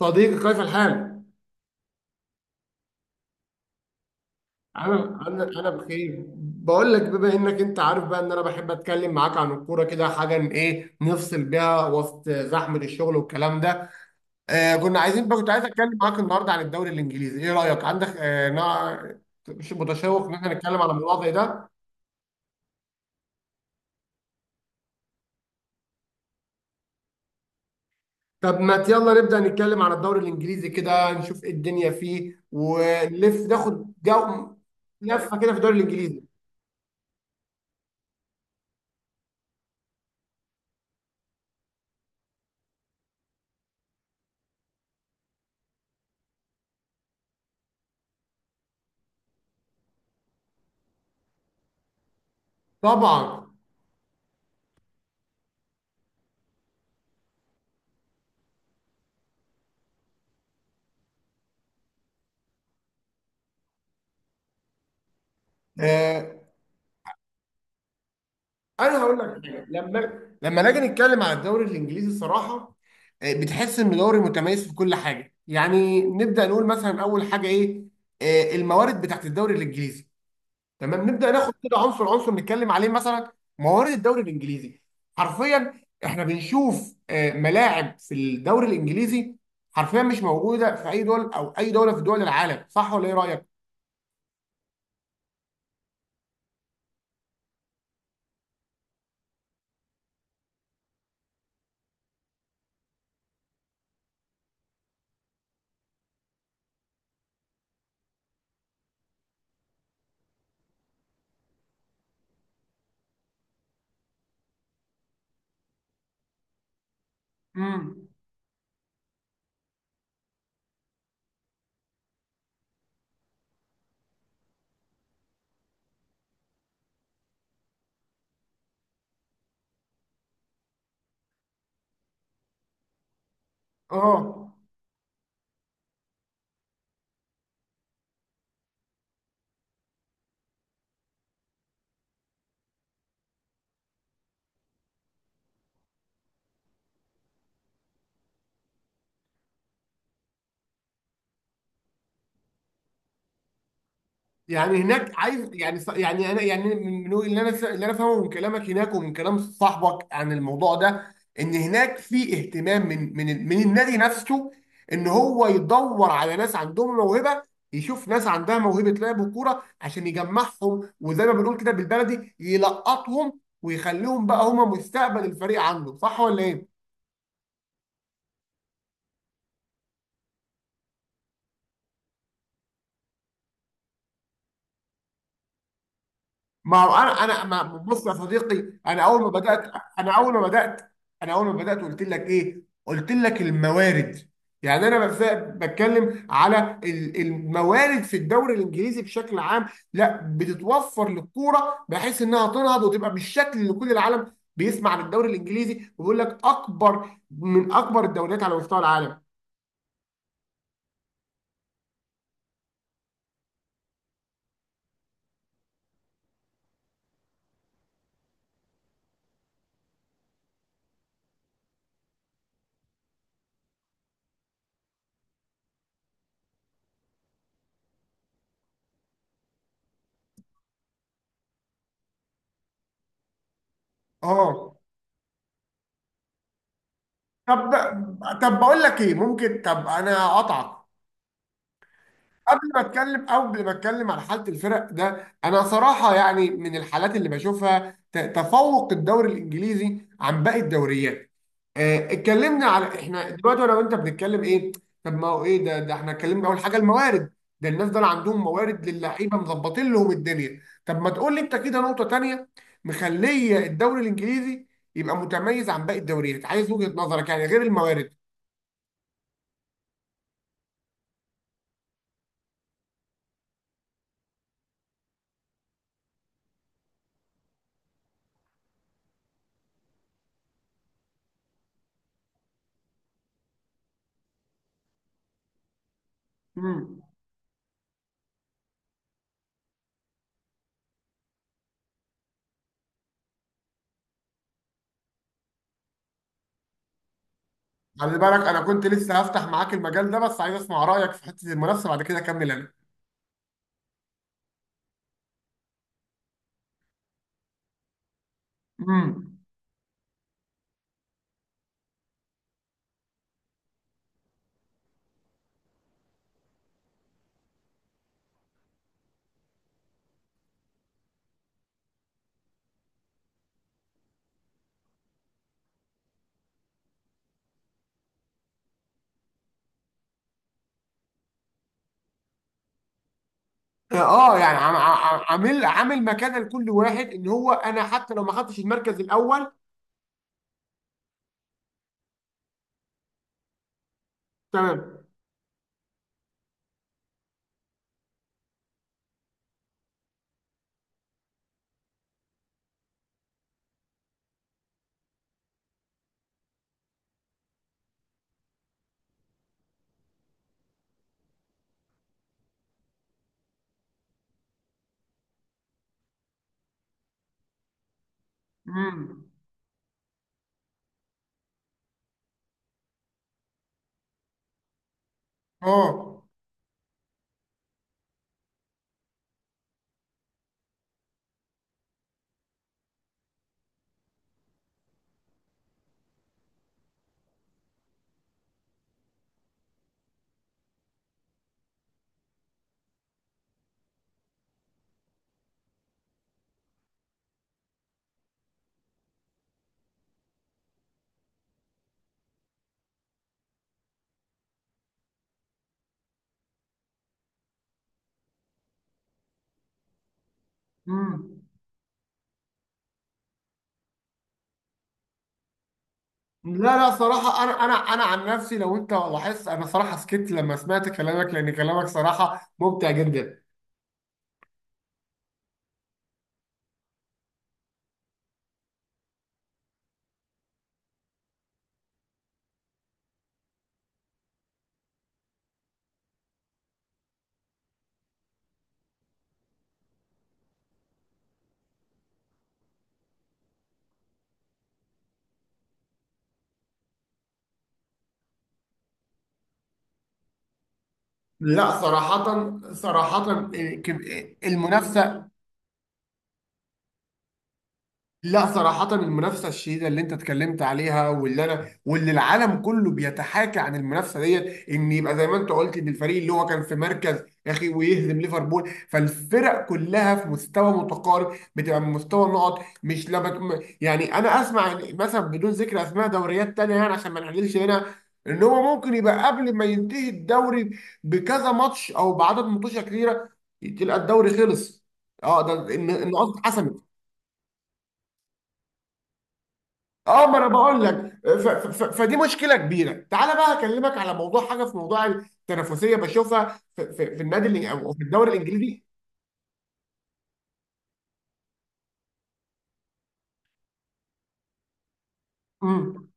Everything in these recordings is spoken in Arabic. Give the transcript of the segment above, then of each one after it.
صديقي كيف الحال؟ أنا بخير، بقول لك بما إنك أنت عارف بقى إن أنا بحب أتكلم معاك عن الكورة كده، حاجة إن إيه نفصل بيها وسط زحمة الشغل والكلام ده. آه، كنا عايزين بقى، كنت عايز أتكلم معاك النهاردة عن الدوري الإنجليزي. إيه رأيك؟ عندك مش متشوق إن إحنا نتكلم على الموضوع زي ده؟ طب ما يلا نبدأ نتكلم عن الدوري الإنجليزي كده، نشوف إيه الدنيا فيه ونلف ناخد جو، لفة كده في الدوري الإنجليزي. طبعا. آه، انا هقول لك حاجه. لما نيجي نتكلم على الدوري الانجليزي الصراحه، بتحس انه دوري متميز في كل حاجه. يعني نبدا نقول مثلا اول حاجه ايه؟ الموارد بتاعت الدوري الانجليزي. تمام، نبدا ناخد كده عنصر عنصر نتكلم عليه. مثلا موارد الدوري الانجليزي، حرفيا احنا بنشوف ملاعب في الدوري الانجليزي حرفيا مش موجوده في اي دول او اي دوله في دول العالم. صح ولا ايه رايك؟ امم. اه، يعني هناك عايز، يعني يعني انا، يعني من اللي انا، اللي انا فاهمه من كلامك هناك ومن كلام صاحبك عن الموضوع ده، ان هناك في اهتمام من النادي نفسه، ان هو يدور على ناس عندهم موهبه، يشوف ناس عندها موهبه لعب الكوره عشان يجمعهم، وزي ما بنقول كده بالبلدي يلقطهم ويخليهم بقى هم مستقبل الفريق عنده. صح ولا ايه؟ ما هو انا، انا ما، بص يا صديقي، انا اول ما بدات، انا اول ما بدات، انا اول ما بدات قلت لك ايه؟ قلت لك الموارد. يعني بتكلم على الموارد في الدوري الانجليزي بشكل عام، لا بتتوفر للكوره بحيث انها تنهض وتبقى بالشكل اللي كل العالم بيسمع عن الدوري الانجليزي وبيقول لك اكبر، من اكبر الدوريات على مستوى العالم. اه. طب، طب بقول لك ايه ممكن، طب انا اقطعك قبل ما اتكلم، قبل ما اتكلم على حاله الفرق ده. انا صراحه يعني من الحالات اللي بشوفها تفوق الدوري الانجليزي عن باقي الدوريات. اتكلمنا على، احنا دلوقتي انا وانت بنتكلم ايه؟ طب ما هو ايه ده؟ ده احنا اتكلمنا اول حاجه الموارد، ده الناس دول عندهم موارد للعيبه مظبطين لهم الدنيا. طب ما تقول لي انت كده نقطه تانيه مخليه الدوري الانجليزي يبقى متميز عن باقي الدوريات. عايز وجهه نظرك يعني غير الموارد. مم. خلي بالك انا كنت لسه هفتح معاك المجال ده، بس عايز اسمع رايك في حته المنافسه، بعد كده اكمل انا. امم. اه، يعني عامل عامل مكانه لكل واحد ان هو انا حتى لو ما خدتش المركز الاول. تمام. امم. اه. امم. لا لا، صراحه انا، انا عن نفسي لو انت لاحظت انا صراحه سكت لما سمعت كلامك، لان كلامك صراحه ممتع جدا. لا صراحه، صراحه المنافسه. لا صراحة، المنافسة الشديدة اللي انت اتكلمت عليها واللي انا واللي العالم كله بيتحاكى عن المنافسة ديت، ان يبقى زي ما انت قلت ان الفريق اللي هو كان في مركز يا اخي ويهزم ليفربول. فالفرق كلها في مستوى متقارب، بتبقى من مستوى النقط، مش لما يعني انا اسمع مثلا بدون ذكر اسماء دوريات تانية يعني عشان ما نحللش هنا، ان هو ممكن يبقى قبل ما ينتهي الدوري بكذا ماتش او بعدد ماتشات كتيرة تلقى الدوري خلص. اه، ده ان، ان قصدي اتحسمت. اه، ما انا بقول لك، فدي مشكله كبيره. تعالى بقى اكلمك على موضوع حاجه في موضوع التنافسيه بشوفها في النادي او في الدوري الانجليزي. امم.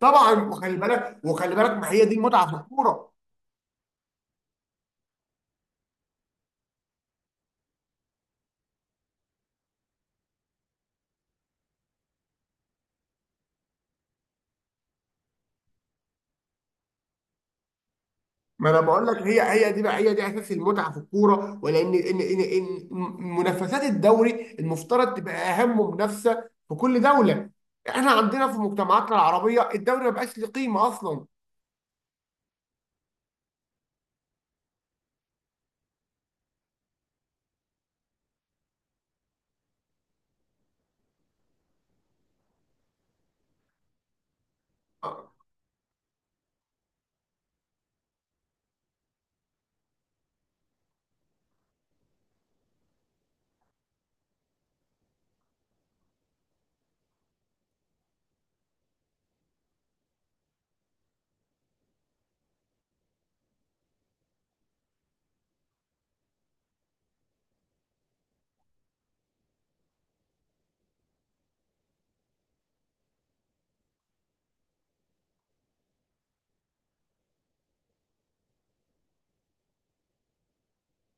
طبعا. وخلي بالك ما هي دي المتعه في الكوره. ما انا بقول لك، هي دي بقى، هي دي اساس المتعه في الكوره. ولان ان منافسات الدوري المفترض تبقى اهم منافسه في كل دوله، احنا عندنا في مجتمعاتنا العربيه الدوري ما بقاش له قيمه اصلا.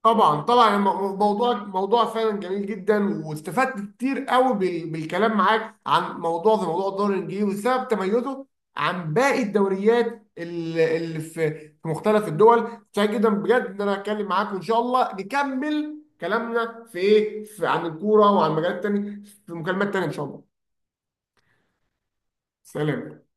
طبعا طبعا، موضوع فعلا جميل جدا، واستفدت كتير قوي بالكلام معاك عن موضوع زي موضوع الدوري الانجليزي وسبب تميزه عن باقي الدوريات اللي في، في مختلف الدول. سعيد جدا بجد ان انا اتكلم معاك، وان شاء الله نكمل كلامنا في ايه، في عن الكوره وعن مجالات تانية في مكالمات تانية ان شاء الله. سلام.